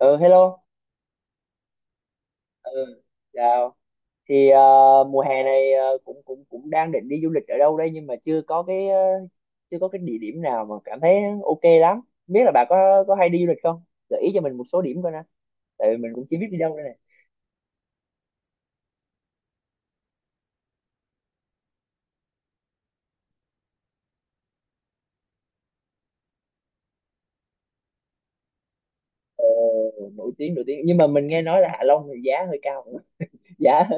Ừ Hello. ừ Chào. thì ờ, Mùa hè này cũng cũng cũng đang định đi du lịch ở đâu đây, nhưng mà chưa có chưa có cái địa điểm nào mà cảm thấy ok lắm. Biết là bà có hay đi du lịch không, gợi ý cho mình một số điểm coi nè, tại vì mình cũng chưa biết đi đâu đây này. Nổi tiếng nhưng mà mình nghe nói là Hạ Long thì giá hơi cao. Giá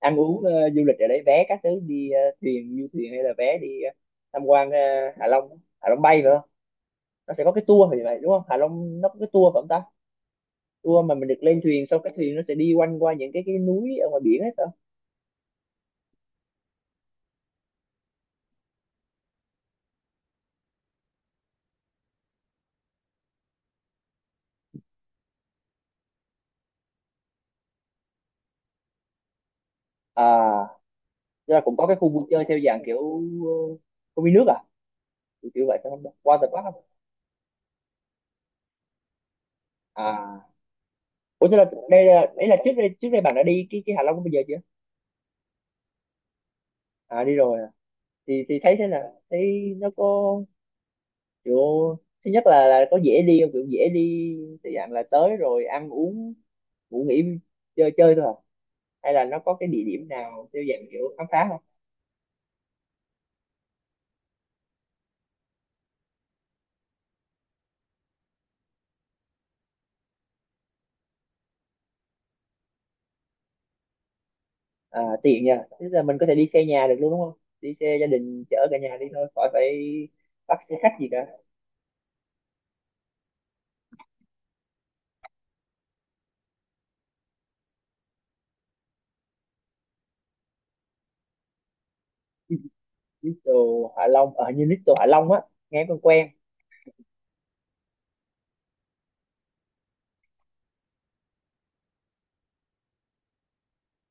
ăn uống, du lịch ở đấy, vé các thứ đi thuyền, du thuyền, hay là vé đi tham quan, Hạ Long bay nữa. Nó sẽ có cái tour thì vậy đúng không? Hạ Long nó có cái tour phải không ta? Tour mà mình được lên thuyền, xong cái thuyền nó sẽ đi quanh qua những cái núi ở ngoài biển hết đó. À, tức là cũng có cái khu vui chơi theo dạng kiểu uh, công viên nước à? Kiểu Kiểu vậy phải không, water park không? À, ủa thế là đây là đấy là trước đây bạn đã đi cái Hạ Long của bây giờ chưa? À, đi rồi à. Thì thấy thế nào, thấy nó có kiểu, thứ nhất là có dễ đi không? Kiểu dễ đi thì dạng là tới rồi ăn uống, ngủ nghỉ, chơi chơi thôi à? Hay là nó có cái địa điểm nào theo dạng kiểu khám phá không? À, tiện nha, tức là mình có thể đi xe nhà được luôn đúng không? Đi xe gia đình chở cả nhà đi thôi, khỏi phải bắt xe khách gì cả. Little Hạ Long, ở như Little Hạ Long á? Nghe quen quen.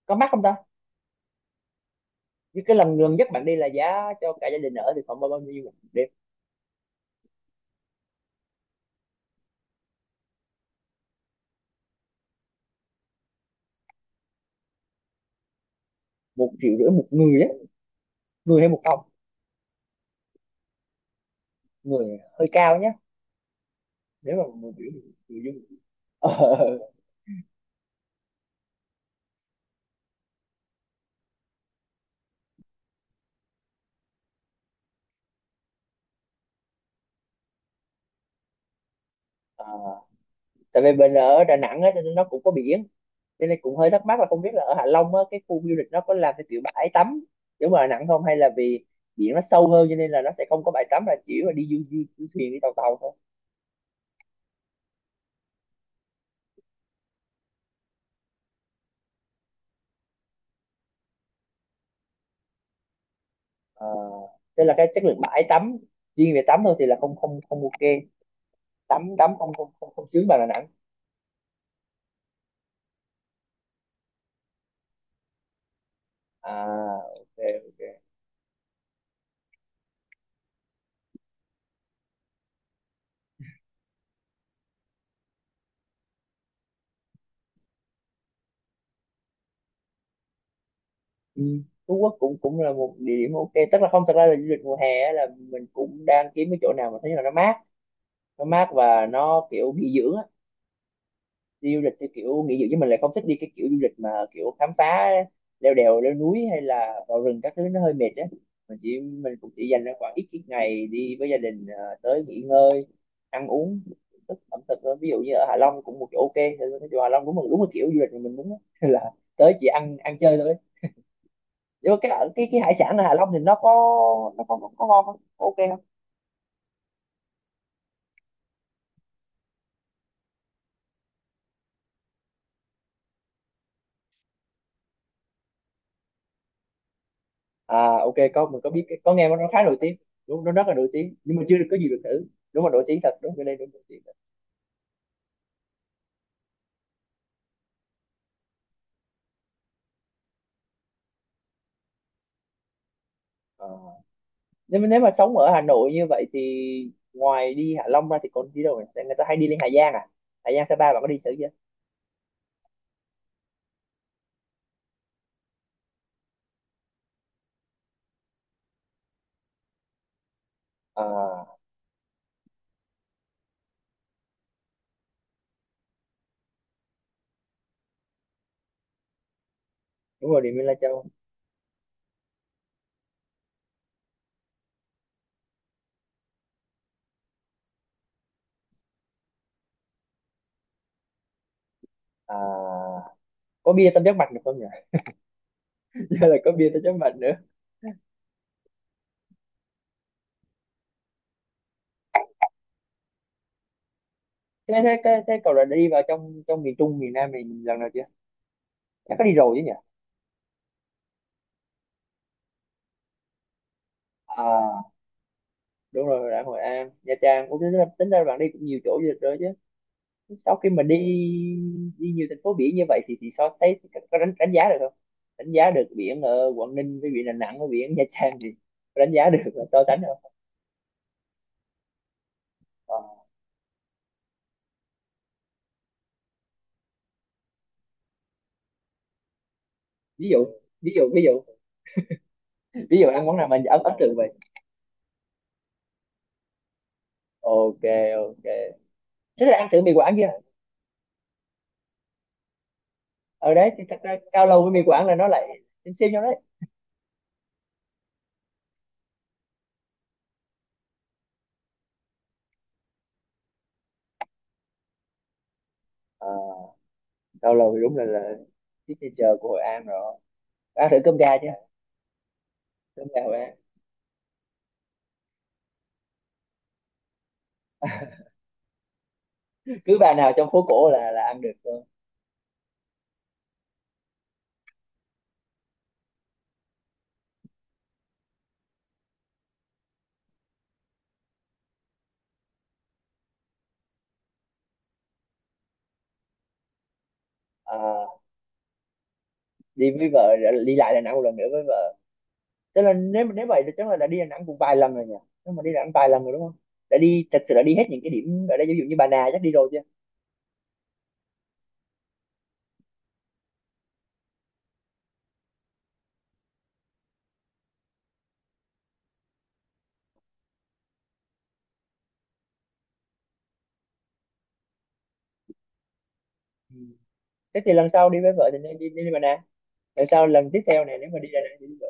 Có mắc không ta? Như cái lần gần nhất bạn đi là giá cho cả gia đình ở thì khoảng bao bao nhiêu một đêm? Một triệu rưỡi một người á? Người hay một phòng? Người hơi cao nhá. Nếu mà một triệu thì triệu chứ. Ờ, ờ, à, tại vì mình ở Đà Nẵng á cho nên nó cũng có biển, cho nên cũng hơi thắc mắc là không biết là ở Hạ Long á, cái khu du lịch nó có làm cái kiểu bãi tắm giống ở Đà Nẵng không, hay là vì biển nó sâu hơn cho nên là nó sẽ không có bãi tắm, là chỉ là đi du thuyền, đi tàu tàu thôi. Ờ, thế là cái chất lượng bãi tắm, riêng về tắm thôi thì là không không không ok. tắm Tắm không, không sướng bằng Đà Nẵng. À, ok, ok, ừ. Phú Quốc cũng cũng là một địa điểm ok, tức là không, thật ra là du lịch mùa hè á, là mình cũng đang kiếm cái chỗ nào mà thấy là nó mát, nó mát và nó kiểu nghỉ dưỡng á. Đi du lịch theo kiểu nghỉ dưỡng, chứ mình lại không thích đi cái kiểu du lịch mà kiểu khám phá, leo đèo leo núi hay là vào rừng các thứ, nó hơi mệt á. Mình cũng chỉ dành ra khoảng ít ít ngày đi với gia đình, à, tới nghỉ ngơi, ăn uống, thưởng thức ẩm thực thôi. Ví dụ như ở Hạ Long cũng một chỗ ok, thì cái chỗ Hạ Long cũng một, đúng là kiểu du lịch mà mình muốn á. Là tới chỉ ăn ăn chơi thôi. Nếu cái hải sản ở Hạ Long thì nó có, nó có ngon không? Có ok không? À ok, có, mình có biết cái- có nghe nó khá nổi tiếng. Đúng, nó rất là nổi tiếng nhưng mà chưa có gì được thử. Đúng là nổi tiếng thật, đúng, cái đây đúng nổi tiếng. Ờ. Nếu nếu mà sống ở Hà Nội như vậy thì ngoài đi Hạ Long ra thì còn đi đâu nhỉ? Tại người ta hay đi lên Hà Giang à? Hà Giang, Sapa bạn có đi thử chưa? À, đúng rồi, Điện Biên, Lai Châu. À, có bia tam giác mạch được không nhỉ? Chứ là có bia tam giác mạch nữa. Thế cậu đã đi vào trong trong miền Trung miền Nam mình lần nào chưa? Chắc có đi rồi chứ nhỉ? À, đúng rồi, đã Hội An, Nha Trang, cũng tính ra bạn đi cũng nhiều chỗ du lịch rồi chứ. Sau khi mà đi, đi nhiều thành phố biển như vậy thì sao, thấy có đánh đánh giá được không, đánh giá được biển ở Quảng Ninh với biển Đà Nẵng với biển Nha Trang thì có đánh giá được, là so sánh được không? Ờ, ví dụ, ví dụ ví dụ ví dụ ăn món nào mà ấn ấn tượng vậy? Ok, ok, thế là ăn thử mì Quảng chưa? Ở đấy thì thật ra cao lầu với mì Quảng là nó lại xem nhau đấy. Ờ, cao lầu thì đúng là signature của Hội An rồi. Ăn thử cơm gà chưa? Cơm gà Hội An cứ bà nào trong phố cổ là ăn được luôn. Ờ, đi với vợ, đi lại Đà Nẵng một lần nữa với vợ. Tức là nếu nếu vậy thì chắc là đã đi Đà Nẵng cũng vài lần rồi nhỉ? Nếu mà đi Đà Nẵng vài lần rồi đúng không? Đã đi, thật sự đã đi hết những cái điểm ở đây, ví dụ như Bà Nà chắc đi rồi chưa? Ừ. Thế thì lần sau đi với vợ thì nên đi, đi Bà Nà. Lần sau lần tiếp theo này nếu mà đi Đà Nẵng thì đi vợ.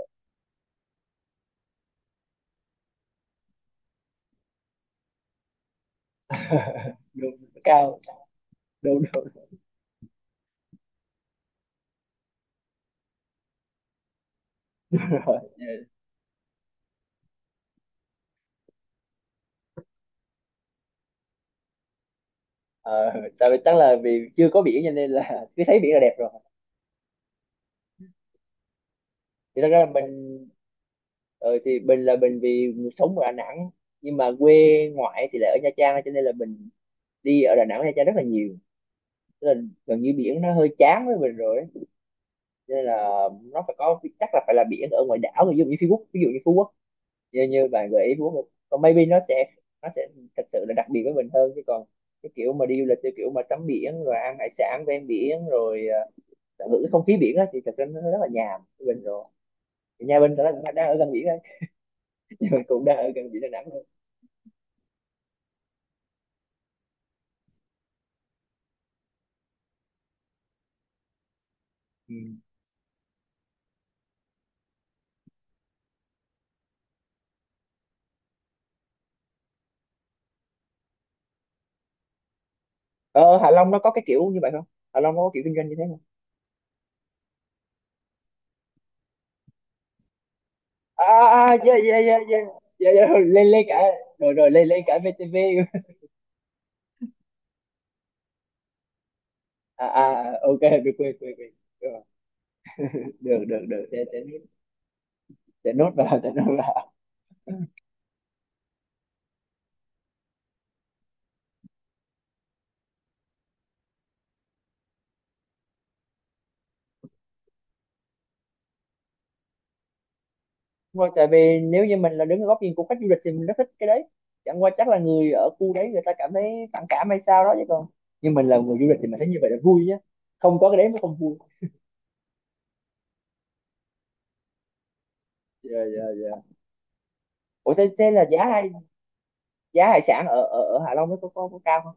Đường nó cao. Đúng Đúng rồi. Ờ, tại vì chắc là vì chưa có biển cho nên là cứ thấy biển là đẹp rồi. Thì thật ra là mình, ờ, thì mình vì sống ở Đà Nẵng nhưng mà quê ngoại thì lại ở Nha Trang, cho nên là mình đi ở Đà Nẵng, Nha Trang rất là nhiều. Tức là gần như biển nó hơi chán với mình rồi, nên là nó phải có, chắc là phải là biển ở ngoài đảo, ví dụ như Phú Quốc ví dụ như Phú Quốc, như như bạn gợi ý Phú Quốc, còn maybe nó sẽ, nó sẽ thật sự là đặc biệt với mình hơn. Chứ còn cái kiểu mà đi du lịch theo kiểu mà tắm biển rồi ăn hải sản ven biển rồi tận hưởng cái không khí biển á thì thật ra nó rất là nhàm với mình rồi. Thì nhà mình thật ra cũng đang ở gần biển thôi, nhà mình cũng đang ở gần biển Đà Nẵng thôi. Ừ. Ờ, Hạ Long nó có cái kiểu như vậy không? Hạ Long nó có kiểu kinh doanh như thế không? À yeah yeah yeah yeah, yeah yeah, lên lên cả. Rồi rồi, lên lên cả VTV. À, ok, được, quên quên quên. Được được để, để nốt vào, để nốt vào. Vâng, tại vì nếu như mình là đứng ở góc nhìn của khách du lịch thì mình rất thích cái đấy. Chẳng qua chắc là người ở khu đấy người ta cảm thấy phản cảm hay sao đó, chứ còn, nhưng mình là người du lịch thì mình thấy như vậy là vui nhé. Không có cái đấy mới không vui. Dạ dạ dạ. Thế là giá hải, giá hải sản ở ở ở Hạ Long nó có cao không?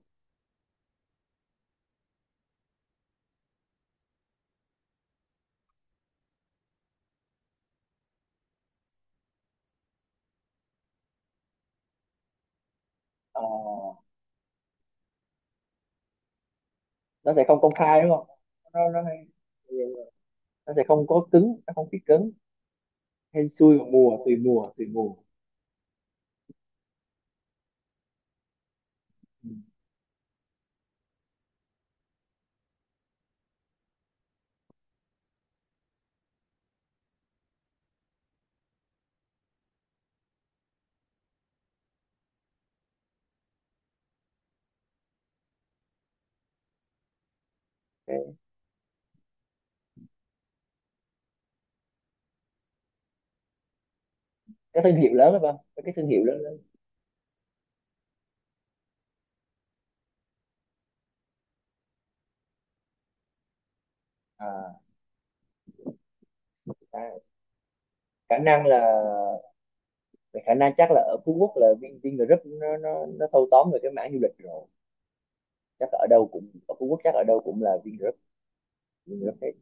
Ờ, nó sẽ không công khai đúng không, nó nó hay-, nó sẽ không có cứng, nó không biết cứng hay xui vào mùa, tùy mùa. Ừ. Các thương hiệu lớn phải không, các cái thương hiệu lớn lớn? À, à, khả năng là, khả năng chắc là ở Phú Quốc là Vin, Vingroup nó thâu tóm về cái mảng du lịch rồi. Chắc ở đâu cũng, ở Phú Quốc chắc ở đâu cũng là Vingroup, Vingroup hết.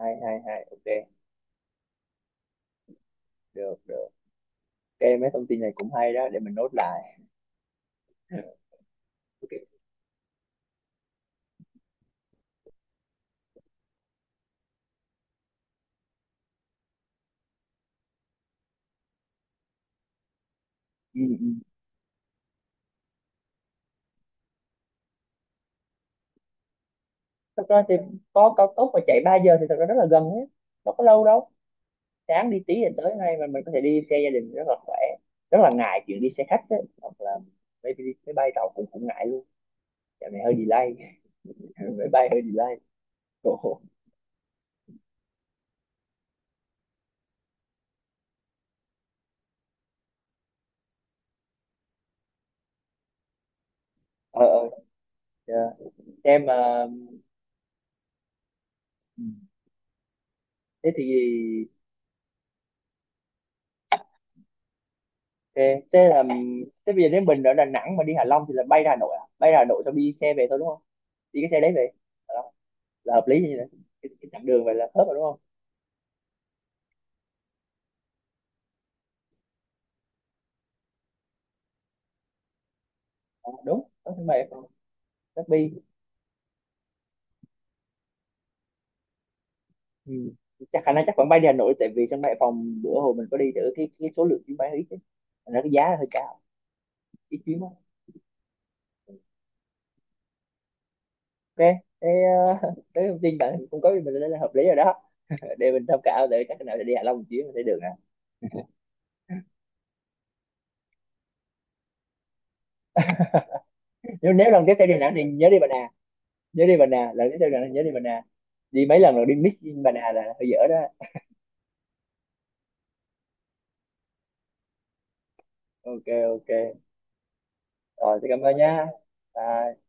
Hai hai Hai ok, được được, ok, mấy thông tin này cũng hay đó, để mình nốt lại. Ok. Ừ. Thật ra thì có cao tốc mà chạy 3 giờ thì thật ra rất là gần hết, đâu có lâu đâu. Sáng đi tí thì tới ngay, mà mình có thể đi xe gia đình rất là khỏe, rất là ngại chuyện đi xe khách ấy. Hoặc là mấy, đi- máy bay, tàu cũng cũng ngại luôn. Dạo này hơi delay. Máy bay hơi delay. Ồ, ờ, dạ. Em, ừ. Thế thì thế, thế là thế, bây giờ nếu mình ở Đà Nẵng mà đi Hạ Long thì là bay ra Hà Nội à, bay ra Hà Nội xong đi xe về thôi đúng không, đi cái xe đấy về Hạ Long là hợp lý như thế này. Cái chặng đường vậy là khớp rồi đúng không? Ờ, đúng, có sân bay Hải Phòng, chắc bi. Ừ. Chắc khả năng chắc vẫn bay đi Hà Nội, tại vì sân bay Hải Phòng bữa hồi mình có đi thử cái số lượng chuyến bay ít ấy. Thành ra cái giá hơi cao, ít chuyến đó. Ok, thế, thế thông tin bạn cung cấp có mình đây là hợp lý rồi đó, để mình thông cảm, để chắc nào để đi Hạ Long một chuyến sẽ được nè. Nếu nếu lần tiếp theo đi Đà Nẵng thì nhớ đi Bà Nà, nhớ đi Bà Nà. Lần tiếp theo đi Đà Nẵng nhớ đi Bà Nà. Đi mấy lần rồi đi mix, Bà Nà là hơi dở đó. Ok ok, rồi thì cảm ơn nhá. Bye.